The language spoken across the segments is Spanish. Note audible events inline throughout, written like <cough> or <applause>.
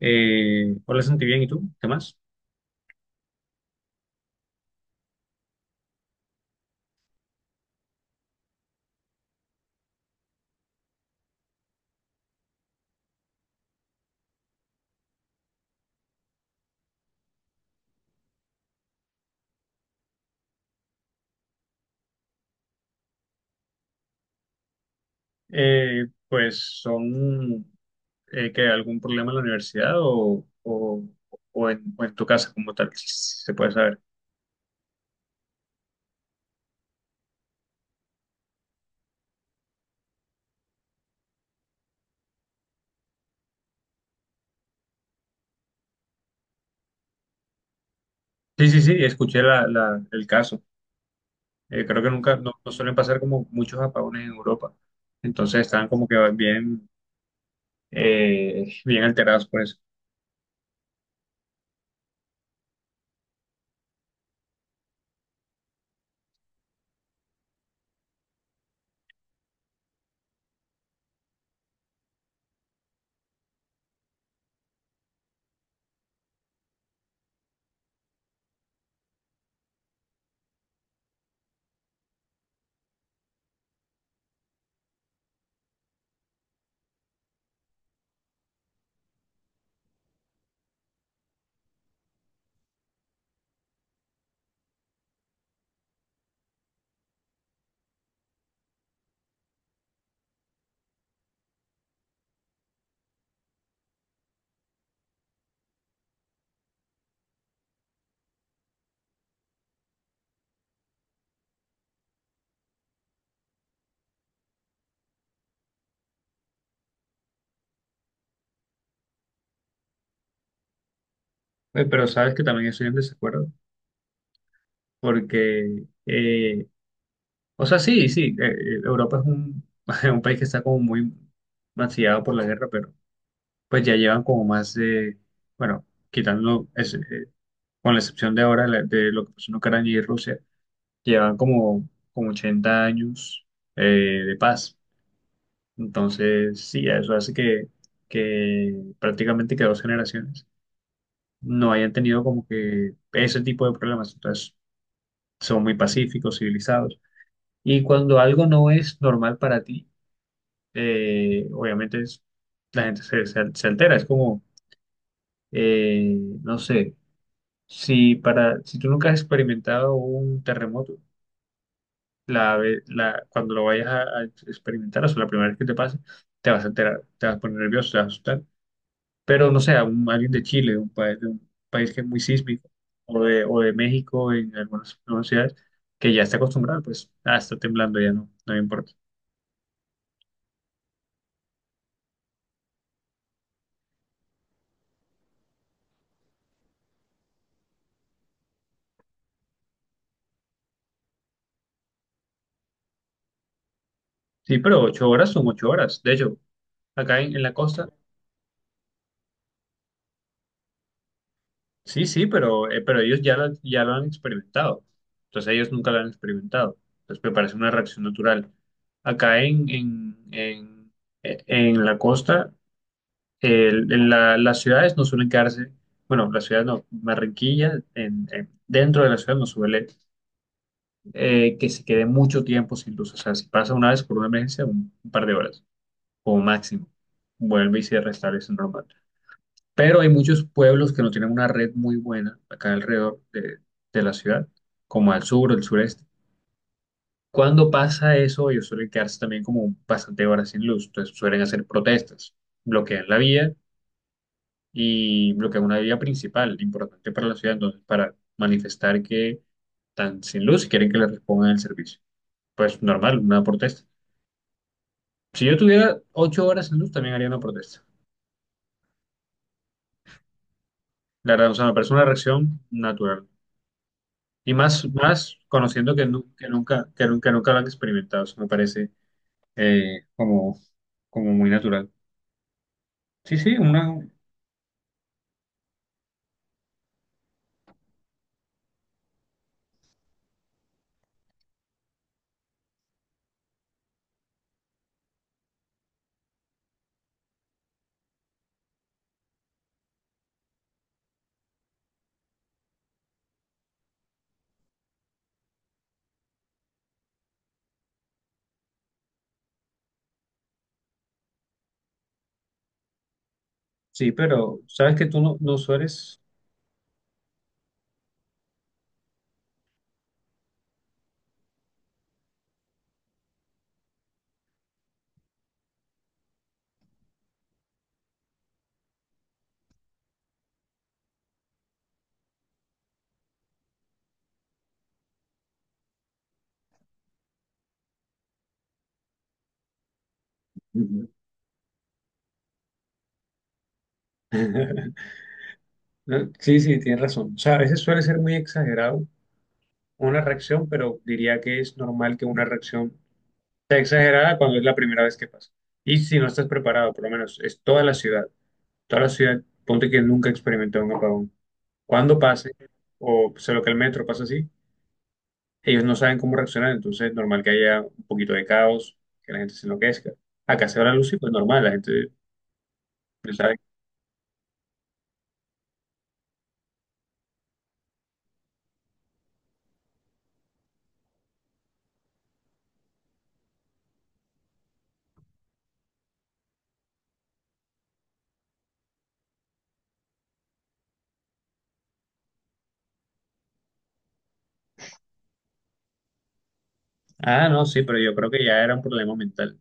Hola Santi, bien, ¿y tú? ¿Qué más? Pues son que ¿algún problema en la universidad o en tu casa como tal, si se puede saber? Sí, sí, sí, escuché el caso. Creo que nunca, no, no suelen pasar como muchos apagones en Europa. Entonces estaban como que bien, bien alterados por eso. Pero sabes que también estoy en desacuerdo porque o sea, sí, sí, Europa es un, <laughs> un país que está como muy mancillado por la guerra, pero pues ya llevan como más de, bueno, quitando, ese, con la excepción de ahora de lo que pasó en Ucrania y Rusia, llevan como, como 80 años eh, de paz. Entonces, sí, eso hace que prácticamente que dos generaciones no hayan tenido como que ese tipo de problemas. Entonces, son muy pacíficos, civilizados. Y cuando algo no es normal para ti, eh, obviamente es- la gente se altera. Es como, eh, no sé, si tú nunca has experimentado un terremoto, cuando lo vayas a experimentar, o sea, la primera vez que te pase, te vas a alterar, te vas a poner nervioso, te vas a asustar. Pero no sé, alguien de Chile, de un país que es muy sísmico, o de México, en algunas ciudades, que ya está acostumbrado, pues, ah, está temblando, ya no, no me importa. Sí, pero 8 horas son 8 horas. De hecho, acá en la costa. Sí, sí, pero ellos ya lo han experimentado. Entonces ellos nunca lo han experimentado. Entonces me parece una reacción natural. Acá en la costa, las ciudades no suelen quedarse, bueno, las ciudades no, Barranquilla, dentro de la ciudad no suele que se quede mucho tiempo sin luz. O sea, si pasa una vez por una emergencia, un par de horas como máximo, vuelve y se restablece normal. Pero hay muchos pueblos que no tienen una red muy buena acá alrededor de la ciudad, como al sur o el sureste. Cuando pasa eso, ellos suelen quedarse también como bastante horas sin luz, entonces suelen hacer protestas, bloquean la vía y bloquean una vía principal, importante para la ciudad, entonces para manifestar que están sin luz y quieren que les respondan el servicio. Pues normal, una protesta. Si yo tuviera 8 horas sin luz, también haría una protesta. La verdad, o sea, me parece una reacción natural. Y más, más conociendo que nunca lo han experimentado, eso me parece eh, como, como muy natural. Sí, sí, una, sí, pero sabes que tú no, no sueles. Ujú. <laughs> Sí, sí, tienes razón. O sea, a veces suele ser muy exagerado una reacción, pero diría que es normal que una reacción sea exagerada cuando es la primera vez que pasa. Y si no estás preparado, por lo menos es toda la ciudad, ponte que nunca experimentó un apagón. Cuando pase, o sea, lo que el metro pasa así, ellos no saben cómo reaccionar, entonces es normal que haya un poquito de caos, que la gente se enloquezca. Acá se va la luz y pues normal, la gente pues, sabe, ah, no, sí, pero yo creo que ya era un problema mental.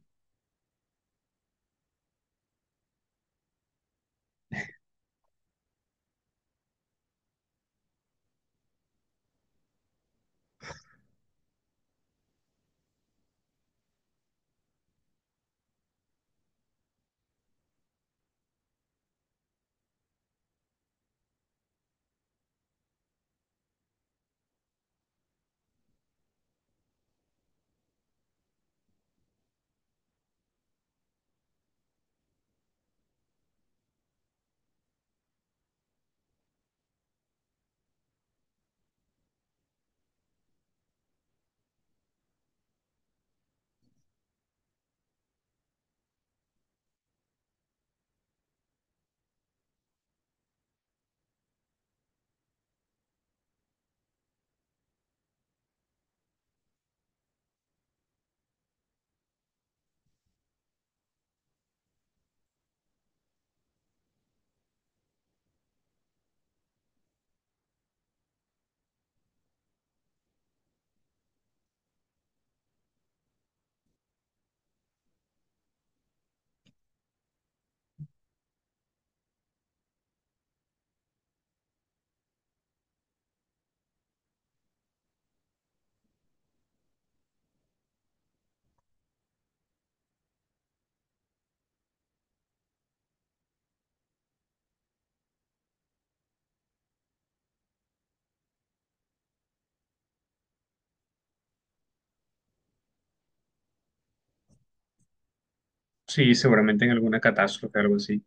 Sí, seguramente en alguna catástrofe, algo así.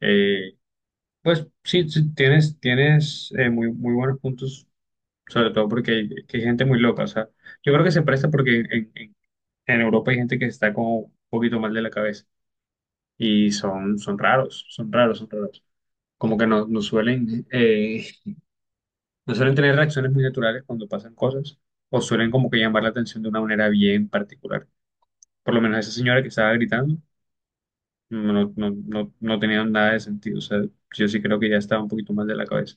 Eh, pues sí, sí, tienes muy buenos puntos, sobre todo porque hay, que hay gente muy loca, o sea, yo creo que se presta porque en Europa hay gente que está como un poquito mal de la cabeza y son, son raros, son raros, son raros. Como que no, no suelen no suelen tener reacciones muy naturales cuando pasan cosas o suelen como que llamar la atención de una manera bien particular. Por lo menos esa señora que estaba gritando no, no, no, no tenía nada de sentido. O sea, yo sí creo que ya estaba un poquito mal de la cabeza.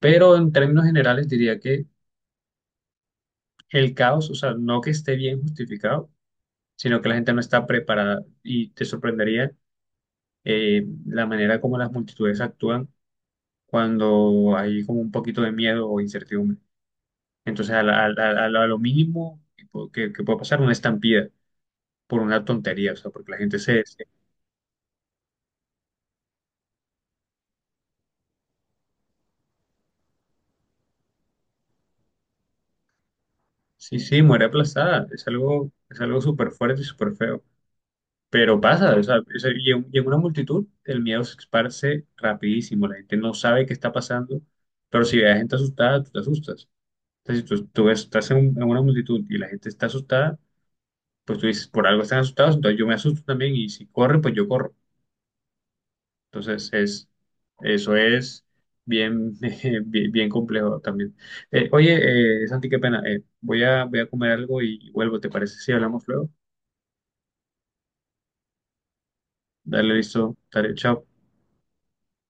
Pero en términos generales diría que el caos, o sea, no que esté bien justificado, sino que la gente no está preparada y te sorprendería la manera como las multitudes actúan cuando hay como un poquito de miedo o incertidumbre. Entonces, a lo mínimo que puede pasar una estampida por una tontería, o sea, porque la gente sí, sí, muere aplastada. Es algo súper fuerte y súper feo. Pero pasa, o sea, y y en una multitud el miedo se esparce rapidísimo. La gente no sabe qué está pasando, pero si ve a gente asustada, tú te asustas. Entonces, si tú, tú estás en, en una multitud y la gente está asustada, pues tú dices, por algo están asustados, entonces yo me asusto también y si corre, pues yo corro. Entonces, es, eso es bien, <laughs> bien complejo también. Santi, qué pena. Voy a comer algo y vuelvo, ¿te parece si hablamos luego? Dale, listo. Dale, chao.